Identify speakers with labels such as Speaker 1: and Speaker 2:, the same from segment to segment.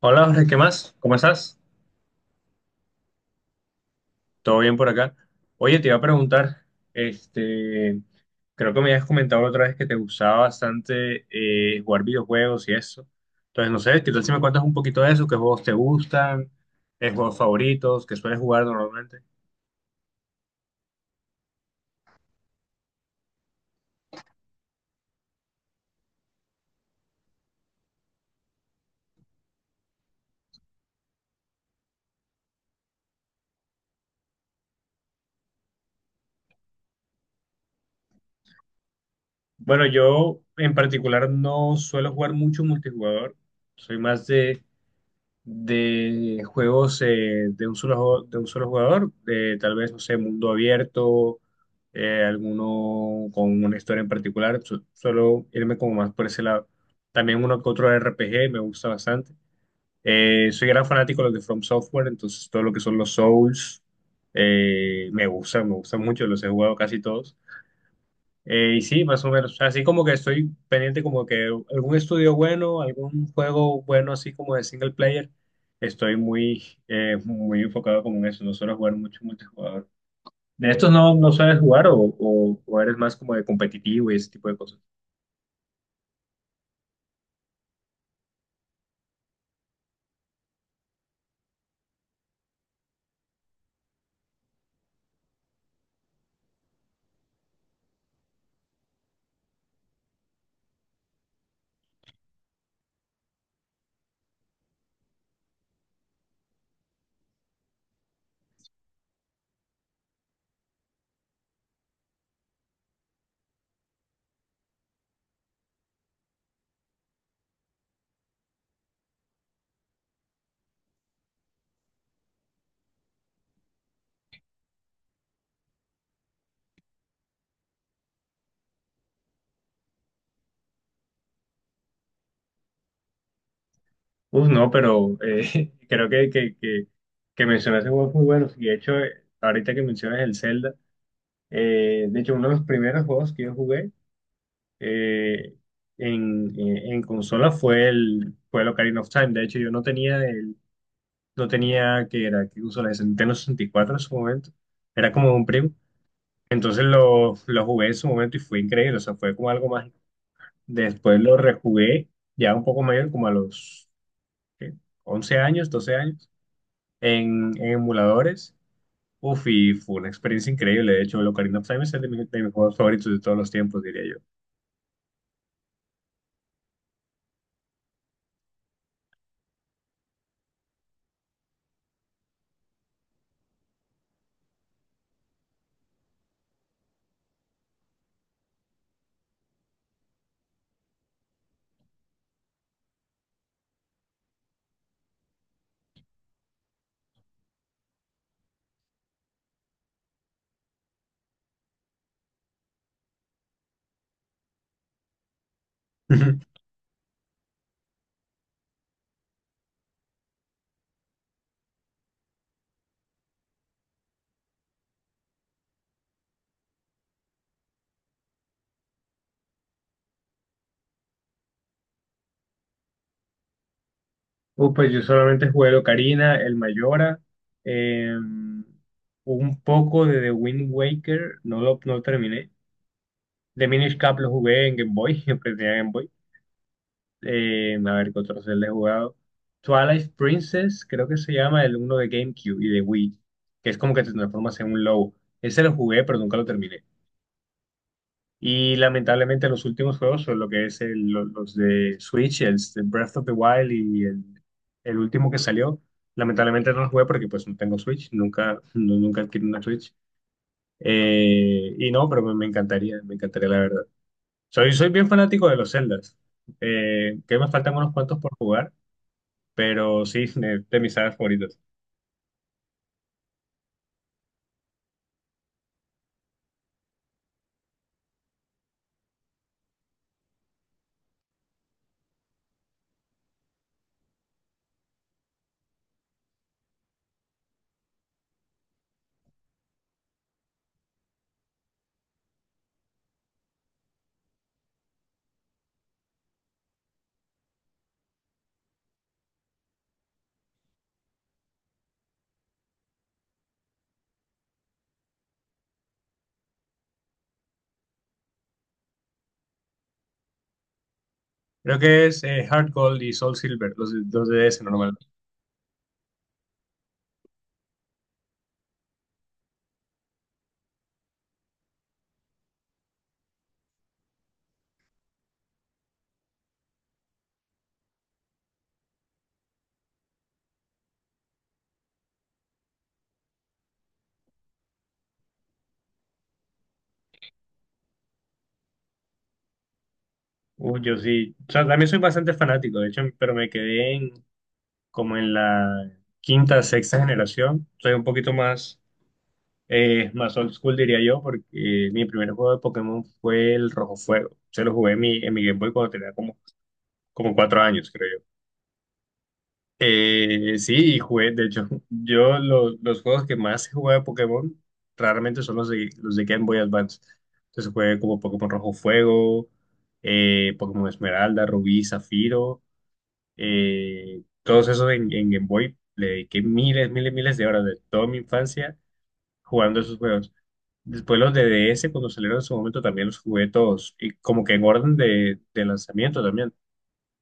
Speaker 1: Hola, Jorge, ¿qué más? ¿Cómo estás? ¿Todo bien por acá? Oye, te iba a preguntar, este, creo que me habías comentado la otra vez que te gustaba bastante jugar videojuegos y eso. Entonces, no sé, ¿qué tal si me cuentas un poquito de eso? ¿Qué juegos te gustan? ¿Qué juegos favoritos? ¿Qué sueles jugar normalmente? Bueno, yo en particular no suelo jugar mucho multijugador. Soy más de juegos de un solo, de un solo jugador, de tal vez, no sé, mundo abierto, alguno con una historia en particular, suelo irme como más por ese lado. También uno que otro RPG me gusta bastante. Soy gran fanático de los de From Software, entonces todo lo que son los Souls, me gusta mucho, los he jugado casi todos. Y sí, más o menos. Así como que estoy pendiente como que algún estudio bueno, algún juego bueno, así como de single player. Estoy muy enfocado como en eso. No suelo jugar mucho multijugador. ¿De estos no sabes jugar o eres más como de competitivo y ese tipo de cosas? Uf, no, pero creo que mencionaste juegos muy buenos. Y de hecho, ahorita que mencionas el Zelda, de hecho, uno de los primeros juegos que yo jugué eh, en consola fue el Ocarina of Time. De hecho, yo no tenía el, no tenía, que era que consola de Nintendo 64 en su momento. Era como un primo. Entonces lo jugué en su momento y fue increíble. O sea, fue como algo más. Después lo rejugué ya un poco mayor, como a los ¿qué? 11 años, 12 años, en emuladores. Uf, y fue una experiencia increíble. De hecho, el Ocarina of Time es el de, de mis juegos favoritos de todos los tiempos, diría yo. Pues yo solamente jugué el Ocarina, el Mayora, eh, un poco de The Wind Waker, no lo terminé. The Minish Cap lo jugué en Game Boy, siempre tenía Game Boy. A ver qué otros le he jugado. Twilight Princess, creo que se llama el uno de GameCube y de Wii, que es como que te transformas en un lobo. Ese lo jugué, pero nunca lo terminé. Y lamentablemente los últimos juegos son lo que es los de Switch, Breath of the Wild el último que salió. Lamentablemente no los jugué porque pues no tengo Switch, nunca adquirí una Switch. Y no, pero me encantaría la verdad. Soy bien fanático de los Zeldas, que me faltan unos cuantos por jugar, pero sí, de mis sagas favoritas. Creo que es Heart Gold y Soul Silver, los de DS normal. Uy, yo sí, o sea, también soy bastante fanático, de hecho, pero me quedé en como en la quinta, sexta generación. Soy un poquito más old school, diría yo, porque mi primer juego de Pokémon fue el Rojo Fuego. Se lo jugué en mi Game Boy cuando tenía como, como 4 años, creo yo. Sí, y jugué, de hecho, los juegos que más he jugado de Pokémon raramente son los de Game Boy Advance. Entonces jugué como Pokémon Rojo Fuego, Pokémon Esmeralda, Rubí, Zafiro. Todos esos en Game Boy le dediqué miles, miles, miles de horas de toda mi infancia jugando esos juegos. Después los de DS cuando salieron en su momento, también los jugué todos. Y como que en orden de lanzamiento también.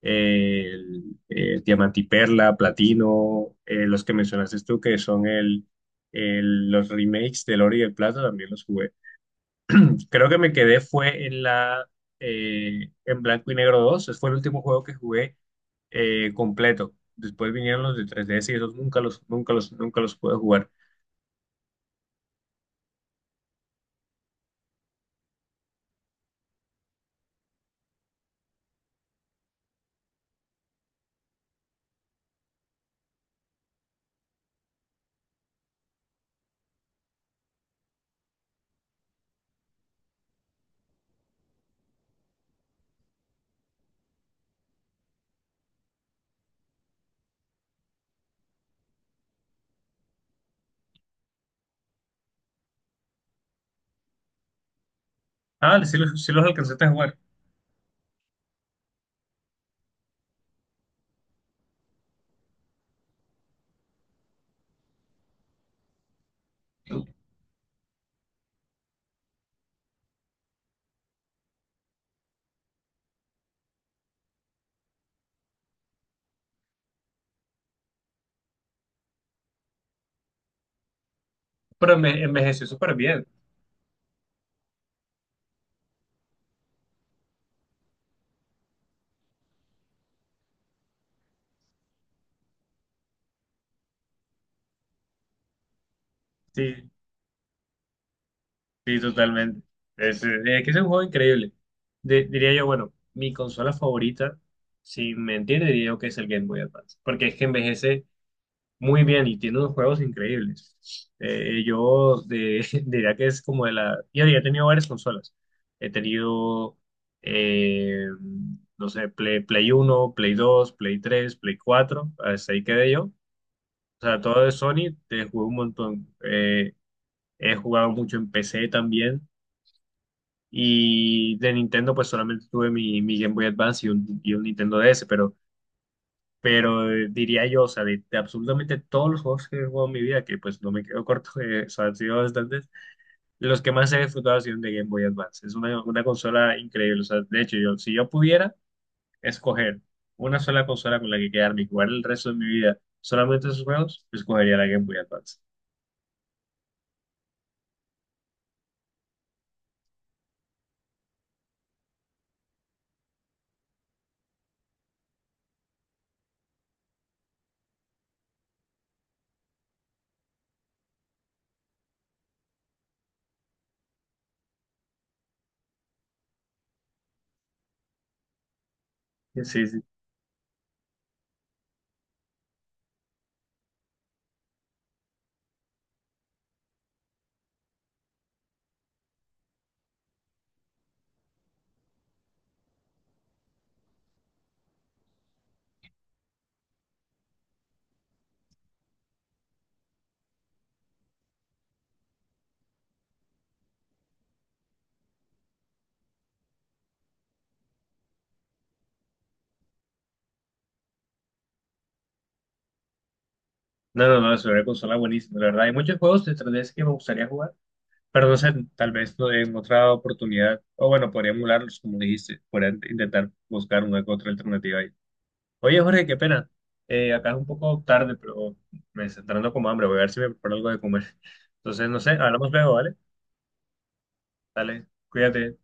Speaker 1: Eh, el, Diamante y Perla, Platino, los que mencionaste tú, que son los remakes del Oro y el Plata, también los jugué. Creo que me quedé fue en la en Blanco y Negro 2. Ese fue el último juego que jugué completo. Después vinieron los de 3DS y esos nunca los pude jugar. Ah, sí sí los alcancé a jugar. Pero me envejeció súper bien. Sí, sí, totalmente. Es, que es un juego increíble. Diría yo, bueno, mi consola favorita, si me entiende, diría yo que es el Game Boy Advance. Porque es que envejece muy bien y tiene unos juegos increíbles. Yo diría que es como de la... Yo ya he tenido varias consolas. He tenido, eh, no sé, Play 1, Play 2, Play 3, Play 4, hasta ahí quedé yo. O sea, todo de Sony, te jugué un montón. He jugado mucho en PC también. Y de Nintendo, pues solamente tuve mi Game Boy Advance y un Nintendo DS, pero diría yo, o sea, de absolutamente todos los juegos que he jugado en mi vida, que pues no me quedo corto, o sea, han sido bastantes, los que más he disfrutado han sido de Game Boy Advance. Es una consola increíble, o sea, de hecho, yo, si yo pudiera escoger una sola consola con la que quedarme y jugar el resto de mi vida solamente esos juegos, pues escogería la Game Boy Advance. Sí, sí. Sí. No, no, no, es una consola buenísima, la verdad. Hay muchos juegos de 3DS que me gustaría jugar, pero no sé, tal vez no en otra oportunidad, o bueno, podría emularlos, como dijiste, podría intentar buscar una u otra alternativa ahí. Oye, Jorge, qué pena. Acá es un poco tarde, pero me está entrando como hambre. Voy a ver si me preparo algo de comer. Entonces, no sé, hablamos luego, ¿vale? Dale, cuídate.